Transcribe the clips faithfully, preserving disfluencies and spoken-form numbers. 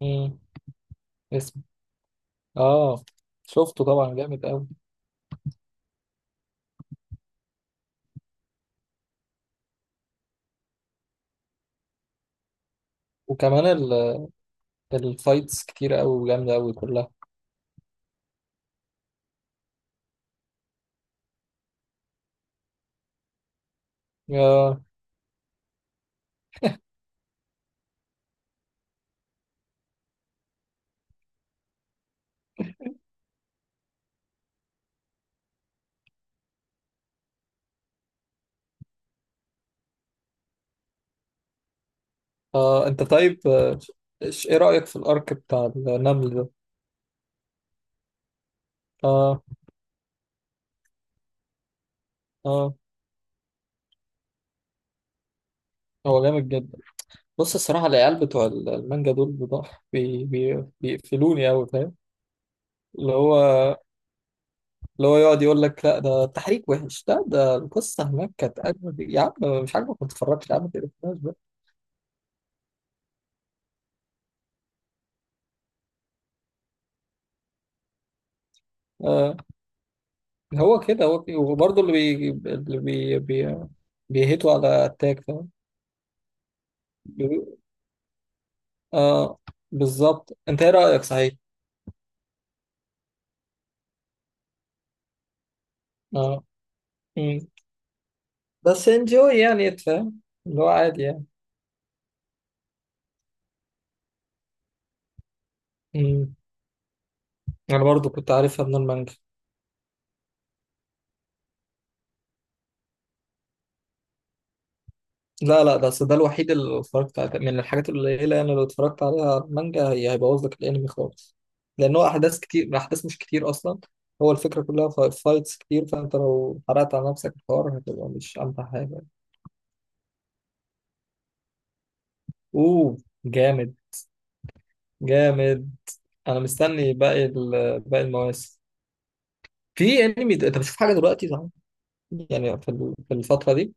مم. اسم. اه، شفته طبعا جامد قوي. وكمان ال- الفايتس كتير قوي وجامده قوي كلها. اه، اه، انت طيب. آه، إيش- ايه رايك في الارك بتاع النمل ده؟ اه، اه، هو جامد جدا. بص الصراحه، العيال بتوع ال- المانجا دول بض- بي بي بيقفلوني قوي، فاهم؟ اللي هو اللي هو يقعد يقول لك لا ده التحريك وحش، لا ده القصه هناك كانت اجمد، يا عم مش عاجبك ما تتفرجش، يا عم ما تقرفناش بقى. آه. هو كده هو كده. وبرضه اللي بي اللي بي بي بيهيتوا على التاج، فاهم؟ بيقولوا- اه، بالظبط. انت ايه رأيك، صحيح؟ اه. مم. بس انجوي، يعني تفهم. اللي هو عادي يعني. مم. انا برضه كنت عارفها من المانجا. لا، لا، ده أصل ده الوحيد اللي اتفرجت عليه من الحاجات القليلة يعني، اللي اتفرجت عليها على المانجا هي هيبوظ لك الانمي خالص. لان هو احداث كتير، احداث مش كتير اصلا. هو الفكرة كلها فا- فايتس كتير، فانت لو حرقت على نفسك الحوار هتبقى مش امتع حاجة. اوه، جامد، جامد. انا مستني باقي ال- باقي المواسم. في انمي د- انت بتشوف حاجه دلوقتي، صح؟ يعني في ال- في الفتره دي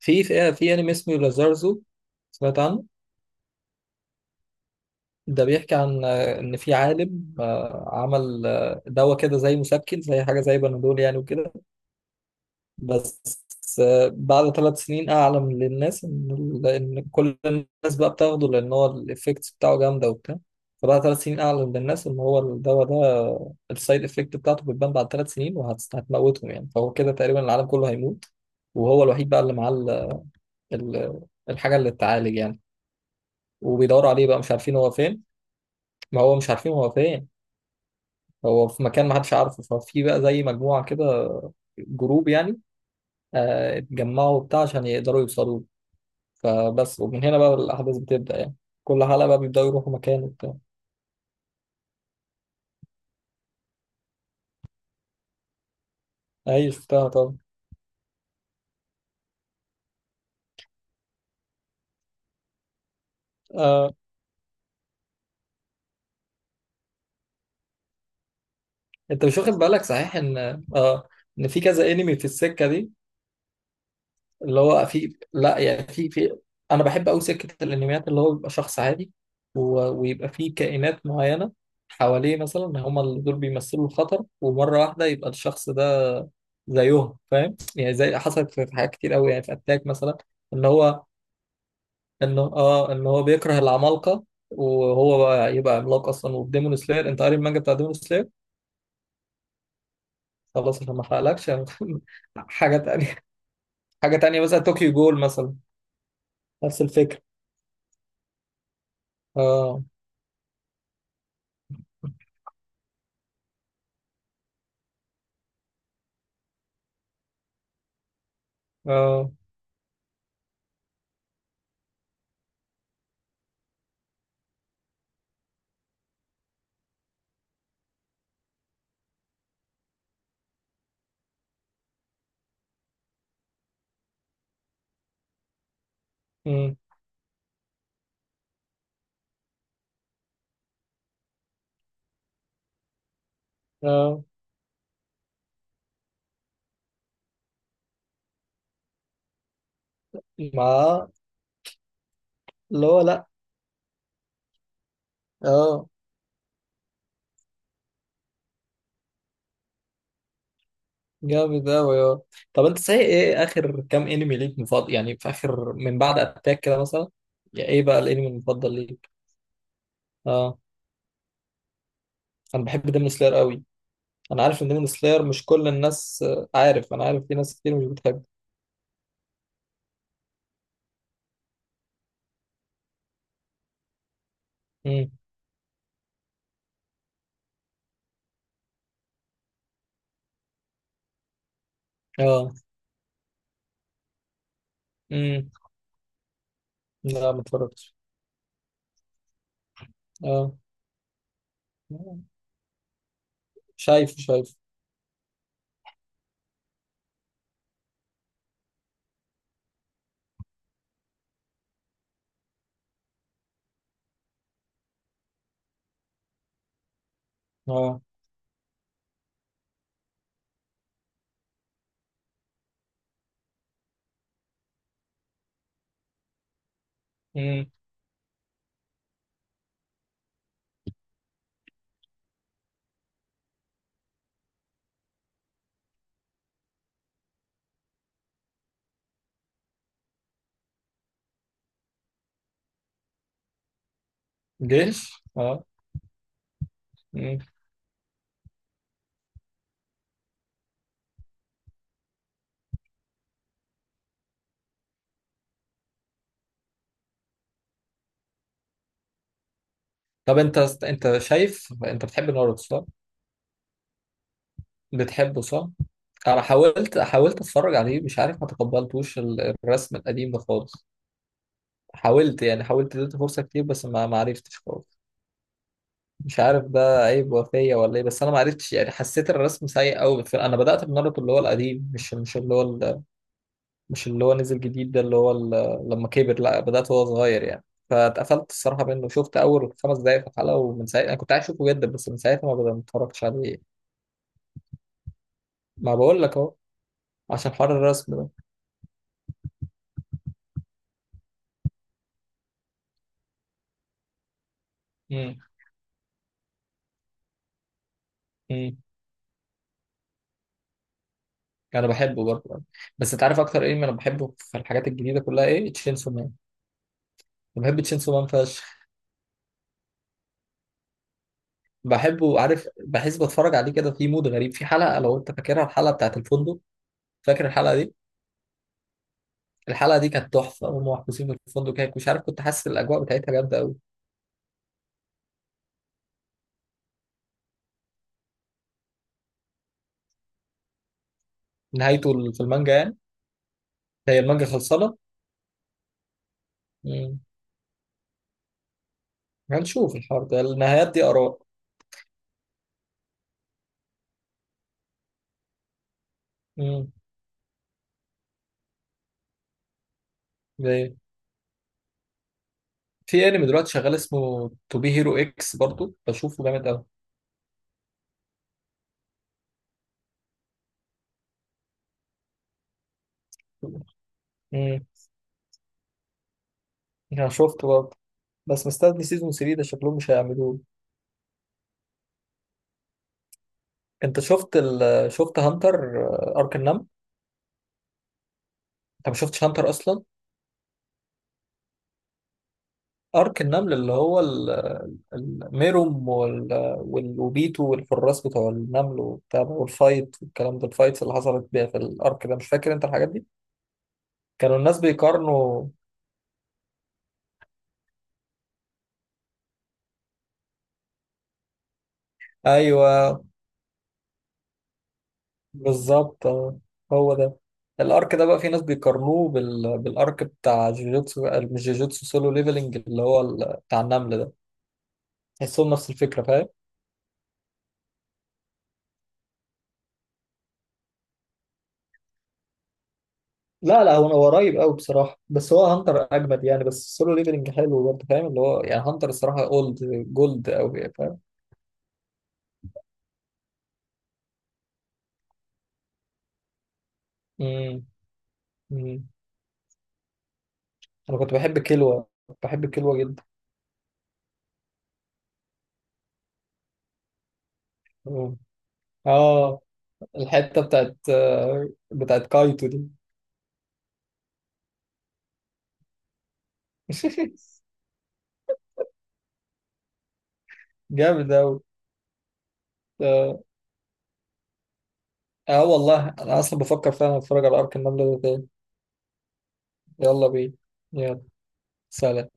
في في في انمي اسمه لازارزو، سمعت عنه؟ ده بيحكي عن آه، ان في عالم آه، عمل آه، دواء كده زي مسكن، زي حاجه زي بنادول يعني وكده. بس آه، بعد ثلاث سنين اعلم للناس ان ال- ان كل الناس بقى بتاخده، لان هو الايفكتس بتاعه جامده وبتاع. فبعد ثلاث سنين اعلم للناس ان هو الدواء ده السايد افكت بتاعته بتبان بعد ثلاث سنين وهتموتهم يعني. فهو كده تقريبا العالم كله هيموت، وهو الوحيد بقى اللي معاه ال- ال- الحاجه اللي تتعالج يعني. وبيدوروا عليه بقى، مش عارفين هو فين. ما هو مش عارفين هو فين. هو في مكان ما حدش عارفه. ففي بقى زي مجموعه كده، جروب يعني. آه، اتجمعوا وبتاع عشان يقدروا يوصلوا له. فبس، ومن هنا بقى الأحداث بتبدأ يعني. كل حلقة بقى بيبدأوا يروحوا مكان وبتاع. أي، شفتها طبعا. آه. أنت مش واخد بالك، صحيح؟ إن آه إن في كذا أنمي في السكة دي. اللي هو في لا يعني في في. أنا بحب أوي سكة الأنميات اللي هو بيبقى شخص عادي و... ويبقى فيه كائنات معينة حواليه، مثلا هما اللي دول بيمثلوا الخطر، ومرة واحدة يبقى الشخص ده زيهم، فاهم يعني؟ زي حصلت في في حاجات كتير قوي يعني، في اتاك مثلا. ان هو انه اه ان هو بيكره العمالقه، وهو بقى يبقى عملاق اصلا. والديمون سلاير، انت قاري المانجا بتاع ديمون سلاير؟ خلاص عشان ما احرقلكش يعني حاجه تانية. حاجه تانية مثلا طوكيو جول مثلا. نفس الفكره. اه. اه. أمم، اه. مع. اللي هو، لا. اه، جامد قوي، اه. طب انت، صحيح ايه اخر كام انمي ليك مفضل، يعني في اخر من بعد اتاك كده مثلا؟ يعني ايه بقى الانمي المفضل ليك؟ اه، انا بحب ديمون سلاير قوي. انا عارف ان ديمون سلاير مش كل الناس، آه، عارف، انا عارف في ناس كتير مش بتحب. امم. اه. امم. لا، ما اتفرجتش. اه. شايف، شايف. اه. امم. جيش، اه. امم. طب انت. انت شايف، انت بتحب ناروتو صح؟ بتحبه صح؟ انا حاولت، حاولت اتفرج عليه، مش عارف ما تقبلتوش ال- الرسم القديم ده خالص. حاولت يعني، حاولت اديته فرصة كتير، بس ما ما عرفتش خالص. مش عارف ده عيب وفية ولا ايه، بس انا ما عرفتش يعني، حسيت الرسم سيء قوي. انا بدأت بناروتو اللي هو القديم، مش مش اللي هو ال- مش اللي هو نزل جديد ده، اللي هو ال- لما كبر، لا بدأت وهو صغير يعني. فاتقفلت الصراحة منه. شفت أول خمس دقايق في الحلقة، ومن ساعتها أنا كنت عايز أشوفه جدا، بس من ساعتها ما بدأت، ما اتفرجتش عليه. ما بقول لك أهو، عشان حوار الرسم ده. امم امم أنا بحبه برضه. بس أنت عارف أكتر إيه أنا بحبه في الحاجات الجديدة كلها، إيه؟ تشينسو مان. أنا بحب تشينسو مان فشخ. بحبه، عارف، بحس بتفرج عليه كده في مود غريب، في حلقة لو انت فاكرها، الحلقة بتاعت الفندق. فاكر الحلقة دي؟ الحلقة دي كانت تحفة، هم محبوسين في الفندق هيك مش عارف، كنت حاسس الأجواء بتاعتها جامدة أوي. نهايته ال- في المانجا يعني؟ هي المانجا خلصانة؟ مم. هنشوف الحوار ده، النهايات دي آراء. مم. زي- في انمي دلوقتي شغال اسمه تو بي هيرو اكس، برضه بشوفه جامد أوي. امم. انا شفته برضه، بس مستني سيزون تلاتة، ده شكلهم مش هيعملوه. انت شفت ال... شفت هانتر؟ آه، ارك النمل. انت ما شفتش هانتر اصلا؟ ارك النمل اللي هو ال- ال- الميروم وال- وال- وبيتو والحراس بتوع النمل وبتاع ده، والفايت والكلام ده، الفايتس اللي حصلت بيها في الارك ده، مش فاكر انت الحاجات دي؟ كانوا الناس بيقارنوا. ايوه، بالظبط. آه، هو ده. الارك ده بقى في ناس بيقارنوه بال... بالارك بتاع جوجوتسو، مش جوجوتسو، سولو ليفلنج اللي هو ال... بتاع النمل ده. تحسهم نفس الفكره، فاهم؟ لا، لا، هو هو قريب قوي بصراحه، بس هو هانتر اجمد يعني، بس السولو ليفلنج حلو برضه، فاهم؟ اللي هو يعني هانتر الصراحه اولد، جولد قوي، فاهم؟ امم أمم. انا كنت بحب كلوة، بحب كلوة جدا. أمم. اه، الحته بتاعت آه، بتاعت كايتو دي. جامد قوي، اه. آه والله انا اصلا بفكر فعلا اتفرج على ارك النمله ده تاني. يلا بينا. يلا. سلام.